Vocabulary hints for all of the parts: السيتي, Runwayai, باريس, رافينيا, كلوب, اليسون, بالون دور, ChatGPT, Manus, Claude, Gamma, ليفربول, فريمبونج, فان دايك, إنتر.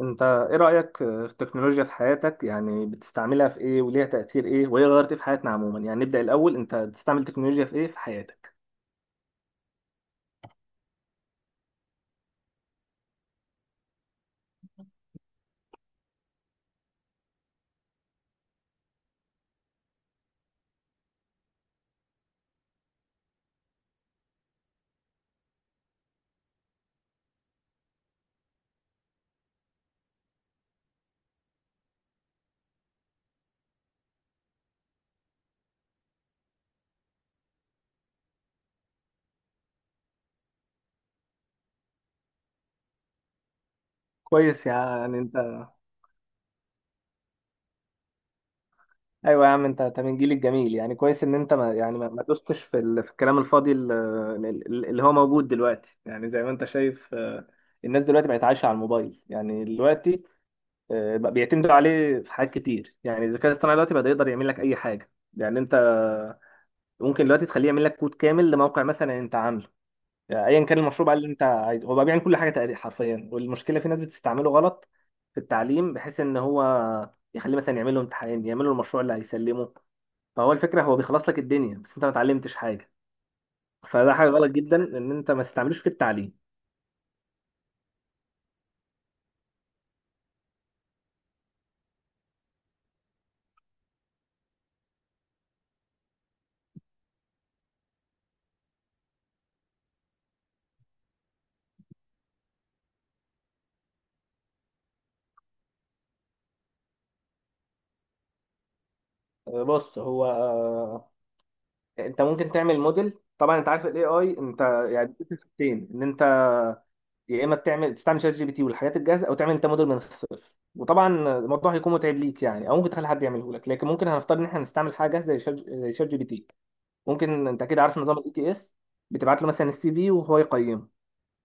انت ايه رأيك في التكنولوجيا في حياتك؟ يعني بتستعملها في ايه وليها تأثير ايه وهي غيرت ايه في حياتنا عموما؟ يعني نبدأ الاول، انت بتستعمل تكنولوجيا في ايه في حياتك؟ كويس. يعني انت ايوه يا عم، انت من الجيل الجميل. يعني كويس ان انت ما يعني ما ما دوستش في في الكلام الفاضي اللي هو موجود دلوقتي. يعني زي ما انت شايف الناس دلوقتي بقت عايشة على الموبايل. يعني دلوقتي بقى بيعتمدوا عليه في حاجات كتير. يعني الذكاء الاصطناعي دلوقتي بقى يقدر يعمل لك اي حاجة. يعني انت ممكن دلوقتي تخليه يعمل لك كود كامل لموقع مثلا انت عامله. يعني ايا كان المشروع بقى اللي انت عايزه، هو بقى بيعمل كل حاجه تقريبا حرفيا. والمشكله في ناس بتستعمله غلط في التعليم، بحيث ان هو يخليه مثلا يعمل له امتحان، يعمل له المشروع اللي هيسلمه. فهو الفكره هو بيخلص لك الدنيا بس انت ما اتعلمتش حاجه. فده حاجه غلط جدا ان انت ما تستعملوش في التعليم. بص، هو انت ممكن تعمل موديل. طبعا انت عارف الاي اي. انت يعني بتقسم حاجتين، ان انت يا اما بتعمل تستعمل شات جي بي تي والحاجات الجاهزه، او تعمل انت موديل من الصفر. وطبعا الموضوع هيكون متعب ليك يعني، او ممكن تخلي حد يعمله لك. لكن ممكن هنفترض ان احنا هنستعمل حاجه زي شات جي بي تي. ممكن. انت كده عارف نظام الاي تي اس؟ بتبعت له مثلا السي في وهو يقيمه.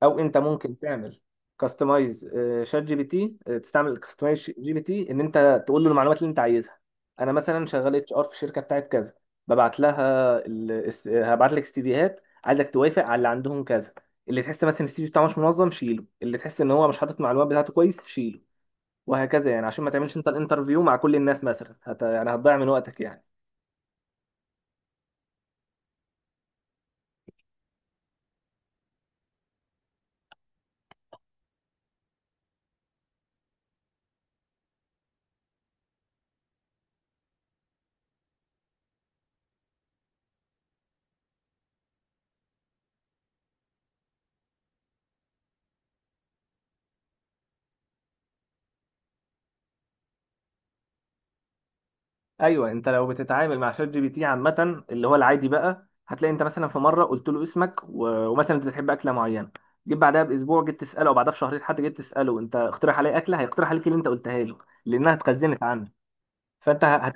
او انت ممكن تعمل كاستمايز شات جي بي تي، تستعمل كاستمايز جي بي تي ان انت تقول له المعلومات اللي انت عايزها. انا مثلا شغال اتش ار في الشركه بتاعت كذا، ببعت لها ال... الس- آه، هبعت لك سيفيهات، عايزك توافق على اللي عندهم كذا. اللي تحس مثلا السي في بتاعه مش منظم، شيله. اللي تحس ان هو مش حاطط المعلومات بتاعته كويس، شيله. وهكذا. يعني عشان ما تعملش انت الانترفيو مع كل الناس مثلا يعني هتضيع من وقتك يعني. ايوه. انت لو بتتعامل مع شات جي بي تي عامه، اللي هو العادي بقى، هتلاقي انت مثلا في مره قلت له اسمك ومثلا انت بتحب اكله معينه. جيت بعدها باسبوع جيت تساله، او بعدها بشهرين حتى جيت تساله، انت اقترح عليا اكله، هيقترح عليك اللي انت قلتها له، لانها اتخزنت عنه. فانت ه-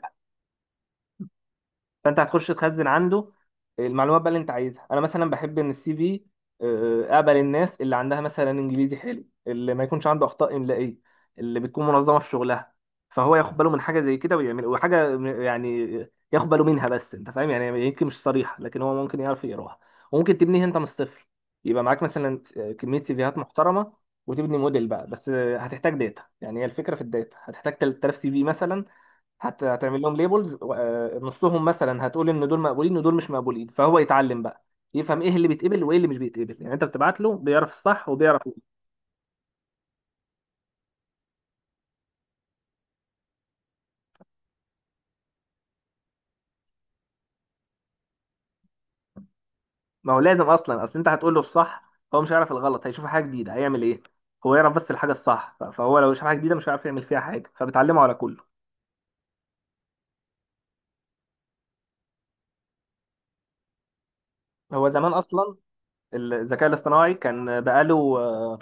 فانت هتخش تخزن عنده المعلومات بقى اللي انت عايزها. انا مثلا بحب ان السي في، اقبل الناس اللي عندها مثلا انجليزي حلو، اللي ما يكونش عنده اخطاء املائيه، اللي بتكون منظمه في شغلها. فهو ياخد باله من حاجه زي كده ويعمل وحاجه يعني ياخد باله منها. بس انت فاهم يعني، يمكن مش صريحه لكن هو ممكن يعرف يقراها. وممكن تبنيها انت من الصفر. يبقى معاك مثلا كميه سيفيهات محترمه وتبني موديل بقى، بس هتحتاج داتا. يعني هي الفكره في الداتا. هتحتاج 3,000 سي في مثلا. هتعمل لهم ليبلز. نصهم مثلا هتقول ان دول مقبولين ودول مش مقبولين، فهو يتعلم بقى يفهم ايه اللي بيتقبل وايه اللي مش بيتقبل. يعني انت بتبعت له، بيعرف الصح وبيعرف إيه. ما هو لازم اصلا. اصل انت هتقول له الصح، هو مش هيعرف الغلط. هيشوف حاجه جديده، هيعمل ايه؟ هو يعرف بس الحاجه الصح، فهو لو شاف حاجه جديده مش هيعرف يعمل فيها حاجه، فبتعلمه على كله. هو زمان اصلا الذكاء الاصطناعي كان بقاله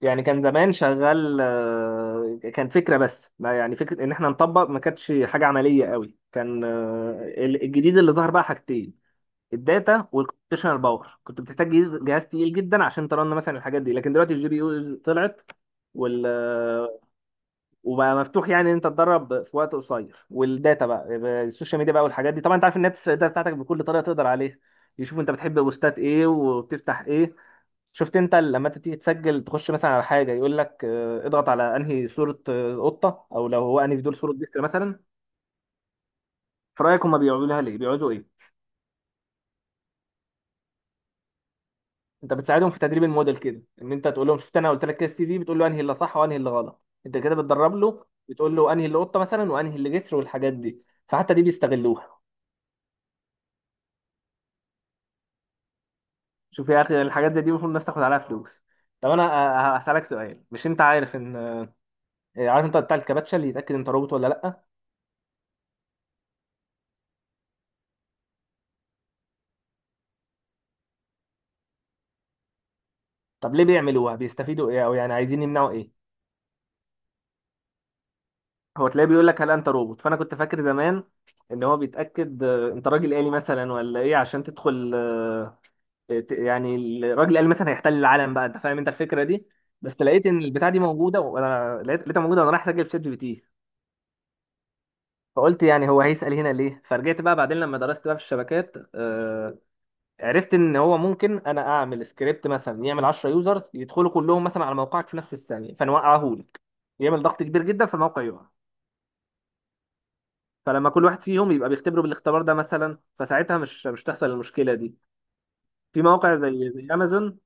يعني كان زمان شغال، كان فكرة. بس ما يعني فكرة ان احنا نطبق، ما كانتش حاجة عملية قوي. كان الجديد اللي ظهر بقى حاجتين. الداتا والكمبيوتيشنال باور. كنت بتحتاج جهاز جهاز تقيل جدا عشان ترن مثلا الحاجات دي. لكن دلوقتي الجي بي يو طلعت وال آه، وبقى مفتوح يعني ان انت تدرب في وقت قصير. والداتا بقى السوشيال ميديا بقى والحاجات دي. طبعا انت عارف، الناس الداتا بتاعتك بكل طريقة تقدر عليها. يشوف انت بتحب بوستات ايه وبتفتح ايه. شفت انت لما انت تيجي تسجل تخش مثلا على حاجه، يقول لك اضغط على انهي صوره قطه، او لو هو انهي في دول صوره بيست مثلا. في رايك هم بيعملوا لها ليه؟ بيقعدوا ايه؟ انت بتساعدهم في تدريب الموديل كده، ان انت تقول لهم. شفت، انا قلت لك كده السي في بتقول له انهي اللي صح وانهي اللي غلط. انت كده بتدرب له، بتقول له انهي اللي قطه مثلا وانهي اللي جسر والحاجات دي. فحتى دي بيستغلوها. شوف يا اخي، الحاجات زي دي المفروض الناس تاخد عليها فلوس. طب انا هسالك سؤال. مش انت عارف ان عارف انت بتاع الكباتشه اللي يتاكد انت روبوت ولا لا؟ طب ليه بيعملوها؟ بيستفيدوا ايه او يعني عايزين يمنعوا ايه؟ هو تلاقيه بيقول لك هل انت روبوت، فانا كنت فاكر زمان ان هو بيتاكد انت راجل آلي مثلا ولا ايه، عشان تدخل يعني الراجل الآلي مثلا هيحتل العالم بقى، انت فاهم انت الفكره دي؟ بس لقيت ان البتاع دي موجوده، وانا لقيتها موجوده وانا رايح اسجل في شات جي بي تي. فقلت يعني هو هيسال هنا ليه. فرجعت بقى بعدين لما درست بقى في الشبكات، عرفت ان هو ممكن انا اعمل سكريبت مثلا يعمل 10 يوزرز يدخلوا كلهم مثلا على موقعك في نفس الثانيه فنوقعه لك. يعمل ضغط كبير جدا فالموقع يقع. فلما كل واحد فيهم يبقى بيختبره بالاختبار ده مثلا، فساعتها مش تحصل المشكلة دي. في مواقع زي امازون،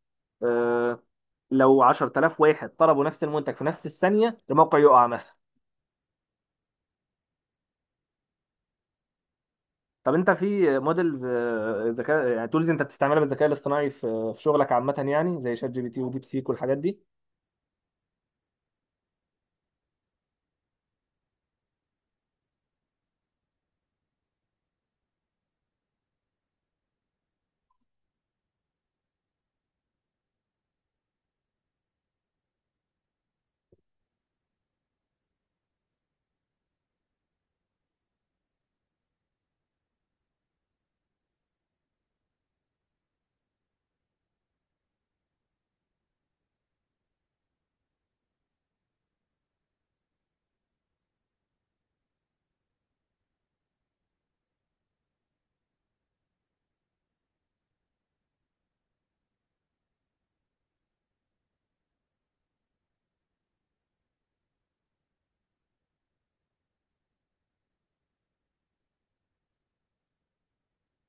آه، لو 10,000 واحد طلبوا نفس المنتج في نفس الثانية الموقع يقع مثلا. طب انت في موديلز ذكاء يعني تولز انت بتستعملها بالذكاء الاصطناعي في شغلك عامة، يعني زي شات جي بي تي وديب سيك والحاجات دي؟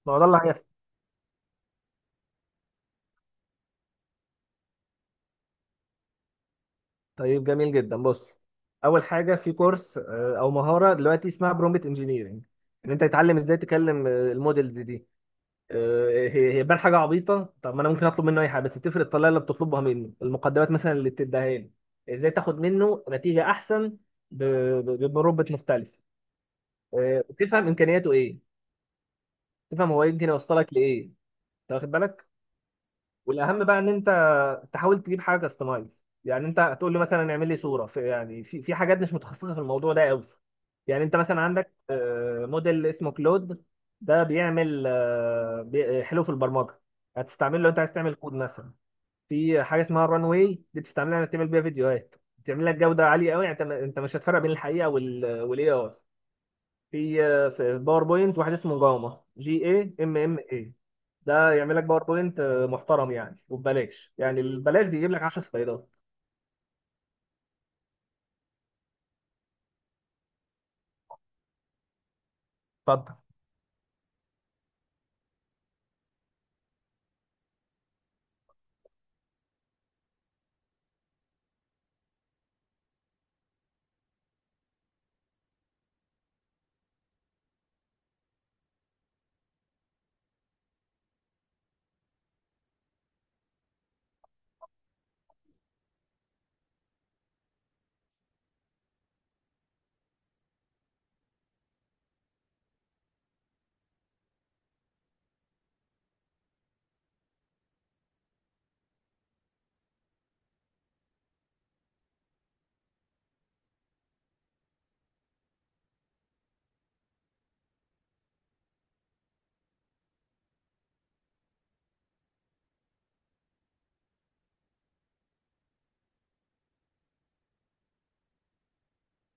ما هو ده اللي هيحصل. طيب جميل جدا. بص، اول حاجه في كورس او مهاره دلوقتي اسمها برومبت انجينيرنج، ان انت تتعلم ازاي تكلم المودلز دي. هي بان حاجه عبيطه، طب ما انا ممكن اطلب منه اي حاجه. بس بتفرق الطريقه اللي بتطلبها منه، المقدمات مثلا اللي بتديها لي، ازاي تاخد منه نتيجه احسن ب- بمربط مختلف. تفهم امكانياته ايه، تفهم هو يمكن يوصلك لايه. انت واخد بالك؟ والاهم بقى ان انت تحاول تجيب حاجه كاستمايز. يعني انت هتقول له مثلا اعمل لي صوره في، يعني في حاجات مش متخصصه في الموضوع ده قوي. يعني انت مثلا عندك موديل اسمه كلود. ده بيعمل حلو في البرمجه. هتستعمله لو انت عايز تعمل كود مثلا. في حاجه اسمها الران واي، دي بتستعملها انك تعمل بيها فيديوهات بتعمل لك جوده عاليه قوي. يعني انت مش هتفرق بين الحقيقه والاي اي. في باوربوينت واحد اسمه جاما جي اي ام ام اي. ده يعمل لك باوربوينت محترم يعني وببلاش. يعني البلاش بيجيب لك 10 سلايدات. اتفضل.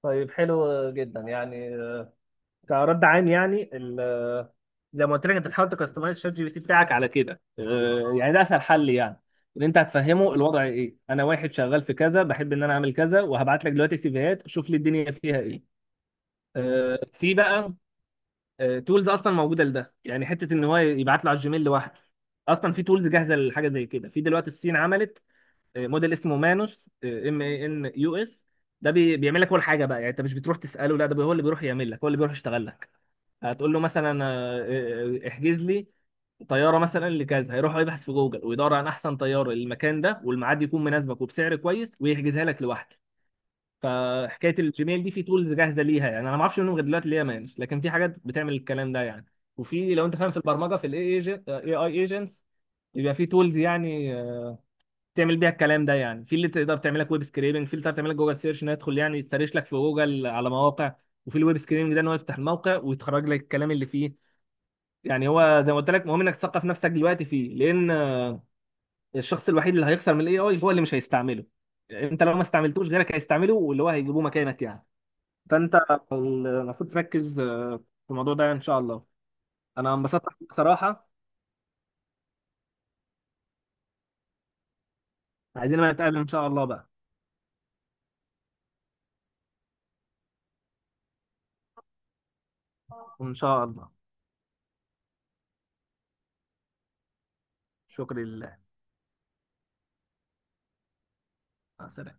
طيب حلو جدا يعني، كرد عام يعني. زي ما قلت لك، انت تحاول تكستمايز شات جي بي تي بتاعك على كده. يعني ده اسهل حل يعني. ان انت هتفهمه الوضع ايه. انا واحد شغال في كذا بحب ان انا اعمل كذا، وهبعت لك دلوقتي سيفيهات، شوف لي الدنيا فيها ايه. في بقى تولز اصلا موجوده لده، يعني حته ان هو يبعت له على الجيميل لوحده. اصلا في تولز جاهزه لحاجه زي كده. في دلوقتي، الصين عملت موديل اسمه مانوس ام اي ان يو اس. ده بيعمل لك كل حاجه بقى. يعني انت مش بتروح تساله، لا ده هو اللي بيروح يعمل لك، هو اللي بيروح يشتغل لك. هتقول له مثلا احجز لي طياره مثلا لكذا، هيروح يبحث في جوجل ويدور عن احسن طياره للمكان ده والميعاد يكون مناسبك وبسعر كويس ويحجزها لك لوحده. فحكايه الجيميل دي، في تولز جاهزه ليها يعني. انا ما اعرفش منهم غير دلوقتي اللي هي مانوس، لكن في حاجات بتعمل الكلام ده يعني. وفي، لو انت فاهم في البرمجه، في الاي اي اي ايجنتس، يبقى في تولز يعني. تعمل بيها الكلام ده يعني، في اللي تقدر تعملك ويب سكريبنج، في اللي تقدر تعملك جوجل سيرش، انه يدخل يعني يسرش لك في جوجل على مواقع. وفي الويب سكريبنج ده، ان هو يفتح الموقع ويتخرج لك الكلام اللي فيه. يعني هو زي ما قلت لك، مهم انك تثقف نفسك دلوقتي فيه. لان الشخص الوحيد اللي هيخسر من الاي اي هو اللي مش هيستعمله. انت لو ما استعملتوش غيرك هيستعمله، واللي هو هيجيبوه مكانك يعني. فانت المفروض تركز في الموضوع ده ان شاء الله. انا انبسطت بصراحة. عايزين بقى نتقابل ان شاء الله بقى. ان شاء الله. شكرا لله. مع السلامة.